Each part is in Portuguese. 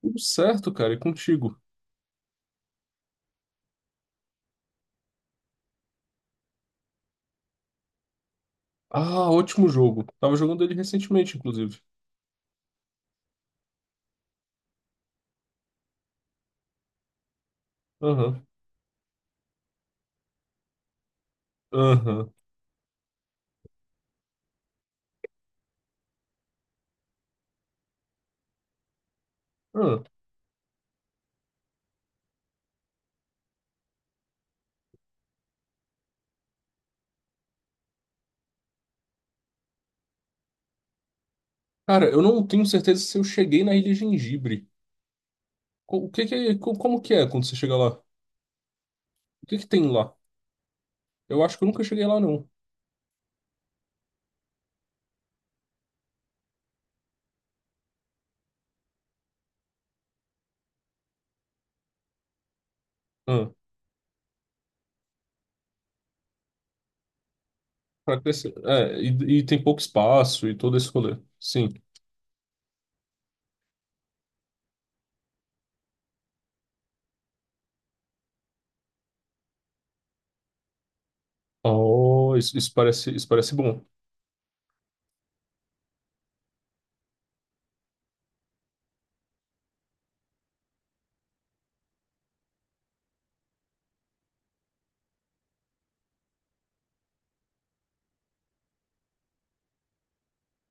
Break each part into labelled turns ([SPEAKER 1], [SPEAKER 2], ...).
[SPEAKER 1] Tudo certo, cara, e contigo? Ah, ótimo jogo. Tava jogando ele recentemente, inclusive. Aham, aham, aham. Cara, eu não tenho certeza se eu cheguei na Ilha Gengibre. O que que é, como que é quando você chega lá? O que que tem lá? Eu acho que eu nunca cheguei lá, não. Ah, pra crescer. É, e tem pouco espaço e todo esse rolê. Sim. Oh, isso parece bom.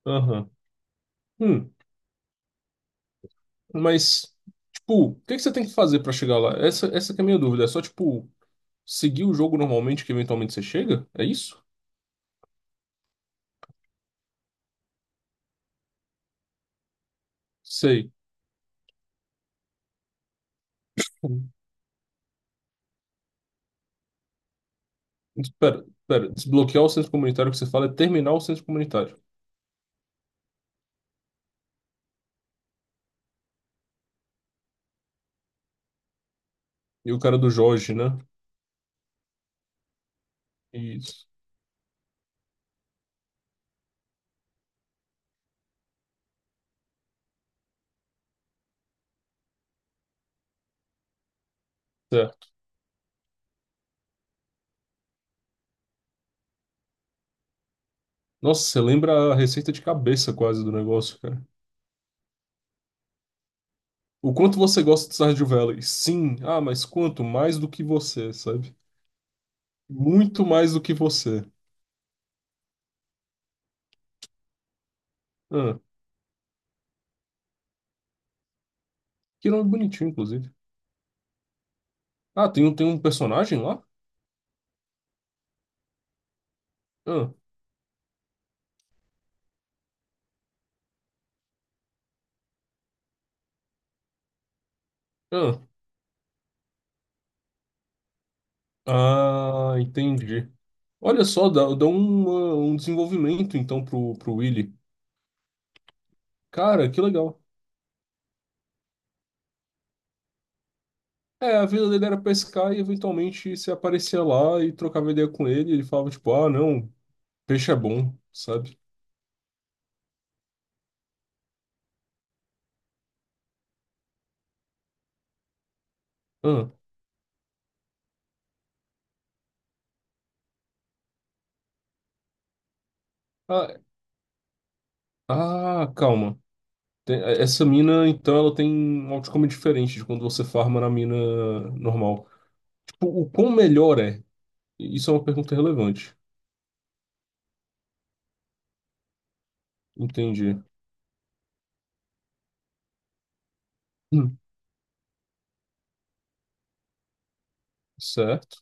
[SPEAKER 1] Aham. Hum, mas, tipo, o que que você tem que fazer pra chegar lá? Essa que é a minha dúvida. É só, tipo, seguir o jogo normalmente que eventualmente você chega? É isso? Sei. Espera. Desbloquear o centro comunitário que você fala é terminar o centro comunitário. E o cara do Jorge, né? Isso. Certo. Nossa, você lembra a receita de cabeça quase do negócio, cara. O quanto você gosta de Stardew Valley? Sim. Ah, mas quanto? Mais do que você, sabe? Muito mais do que você. Ah, que nome bonitinho, inclusive. Ah, tem um personagem lá? Ah, ah. Ah, entendi. Olha só, dá um desenvolvimento então pro Willy. Cara, que legal. É, a vida dele era pescar e eventualmente você aparecia lá e trocava ideia com ele. Ele falava tipo, ah, não, peixe é bom, sabe? Ah, ah, ah, calma. É, essa mina, então, ela tem um outcome diferente de quando você farma na mina normal. Tipo, o quão melhor é? Isso é uma pergunta relevante. Entendi. Hum, Certo.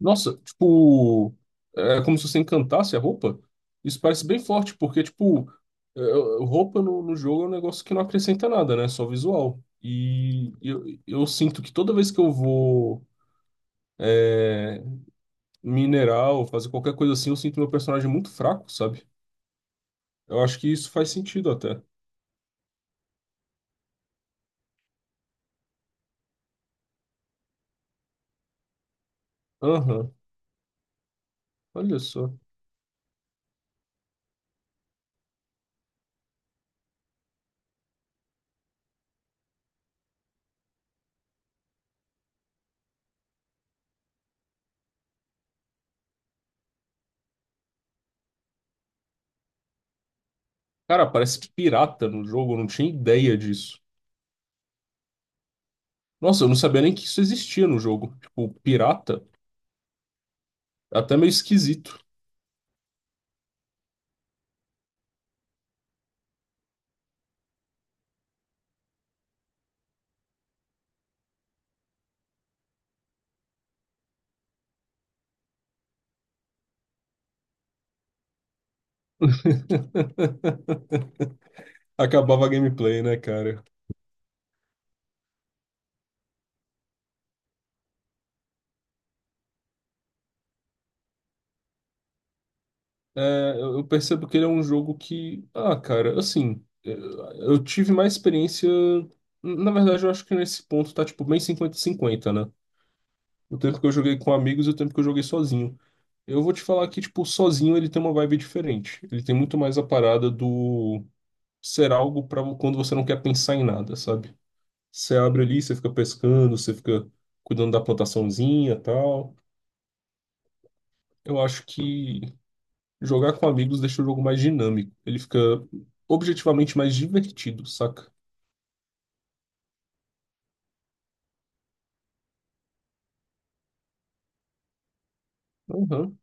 [SPEAKER 1] Nossa, tipo, é como se você encantasse a roupa. Isso parece bem forte, porque, tipo, é, é, roupa no jogo é um negócio que não acrescenta nada, né? É só visual. E eu sinto que toda vez que eu vou é, minerar ou fazer qualquer coisa assim, eu sinto meu personagem muito fraco, sabe? Eu acho que isso faz sentido até. Aham, olha só. Cara, parece pirata no jogo, eu não tinha ideia disso. Nossa, eu não sabia nem que isso existia no jogo. Tipo, pirata, é até meio esquisito. Acabava a gameplay, né, cara? É, eu percebo que ele é um jogo que, ah, cara, assim, eu tive mais experiência. Na verdade, eu acho que nesse ponto tá, tipo, bem 50 cinquenta, né? O tempo que eu joguei com amigos e o tempo que eu joguei sozinho. Eu vou te falar que, tipo, sozinho ele tem uma vibe diferente. Ele tem muito mais a parada do ser algo pra quando você não quer pensar em nada, sabe? Você abre ali, você fica pescando, você fica cuidando da plantaçãozinha e tal. Eu acho que. Jogar com amigos deixa o jogo mais dinâmico. Ele fica objetivamente mais divertido, saca? Uhum.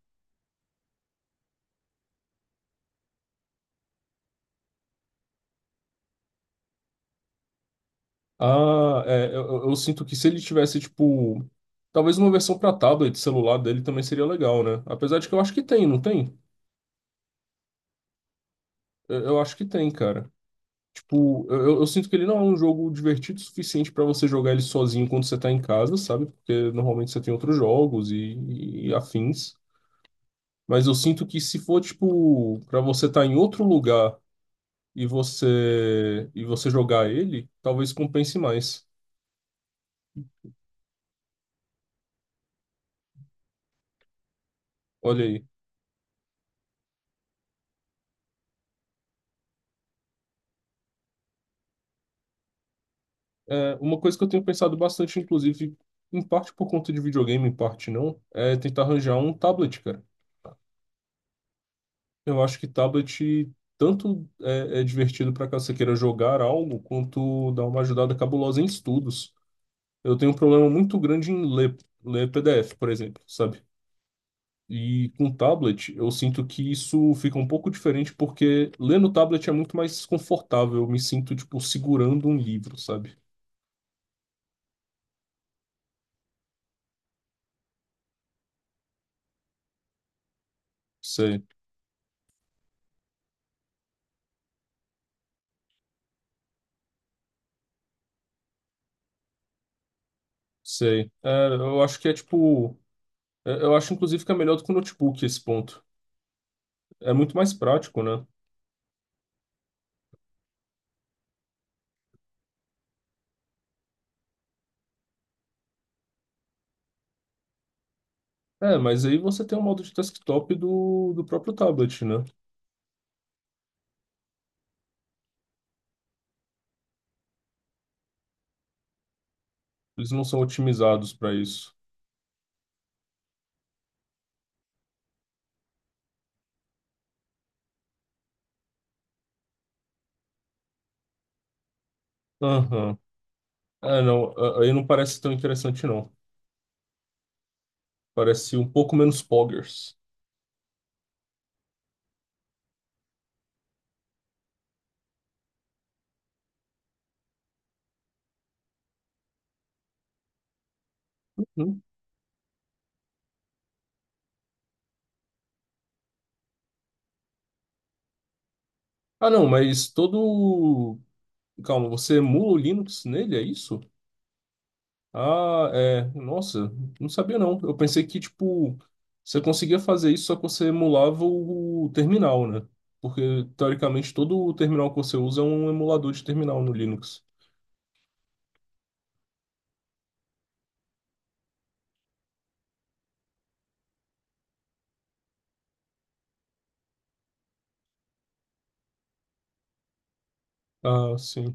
[SPEAKER 1] Ah, é, eu sinto que se ele tivesse, tipo, talvez uma versão pra tablet, celular dele também seria legal, né? Apesar de que eu acho que tem, não tem? Eu acho que tem, cara. Tipo, eu sinto que ele não é um jogo divertido o suficiente pra você jogar ele sozinho quando você tá em casa, sabe? Porque normalmente você tem outros jogos e afins. Mas eu sinto que se for, tipo, pra você estar tá em outro lugar. E você jogar ele, talvez compense mais. Olha aí. É, uma coisa que eu tenho pensado bastante, inclusive, em parte por conta de videogame, em parte não, é tentar arranjar um tablet, cara. Eu acho que tablet tanto é divertido para caso você queira jogar algo, quanto dá uma ajudada cabulosa em estudos. Eu tenho um problema muito grande em ler, ler PDF, por exemplo, sabe? E com tablet, eu sinto que isso fica um pouco diferente porque ler no tablet é muito mais confortável. Eu me sinto, tipo, segurando um livro, sabe? Sei, sei. É, eu acho que é tipo. É, eu acho, inclusive, que é melhor do que o notebook esse ponto. É muito mais prático, né? É, mas aí você tem o modo de desktop do próprio tablet, né? Eles não são otimizados para isso. Aham. É, não. Aí não parece tão interessante, não. Parece um pouco menos poggers. Hum? Ah, não, mas todo Calma, você emula o Linux nele, é isso? Ah, é. Nossa, não sabia não. Eu pensei que, tipo, você conseguia fazer isso, só que você emulava o terminal, né? Porque, teoricamente, todo o terminal que você usa é um emulador de terminal no Linux. Ah, sim.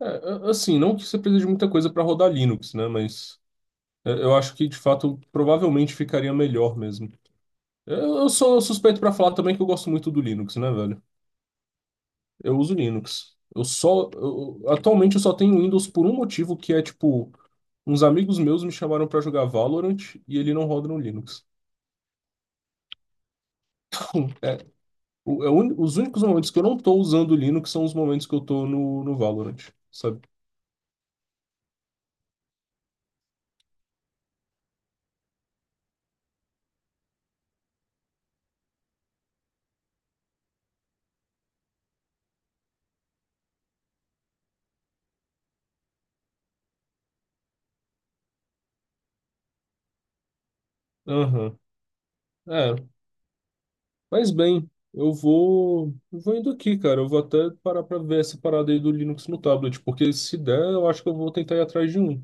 [SPEAKER 1] É, assim, não que você precise de muita coisa para rodar Linux, né? Mas é, eu acho que, de fato, provavelmente ficaria melhor mesmo. Eu sou suspeito para falar também que eu gosto muito do Linux, né, velho? Eu uso Linux. Atualmente eu só tenho Windows por um motivo, que é tipo. Uns amigos meus me chamaram pra jogar Valorant e ele não roda no Linux. É, é os únicos momentos que eu não tô usando Linux são os momentos que eu tô no Valorant, sabe? Aham. É. Mas bem, eu vou. Eu Vou indo aqui, cara. Eu vou até parar pra ver essa parada aí do Linux no tablet, porque se der, eu acho que eu vou tentar ir atrás de um.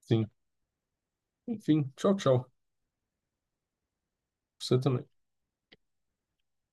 [SPEAKER 1] Sim. Enfim, tchau, tchau. Você também.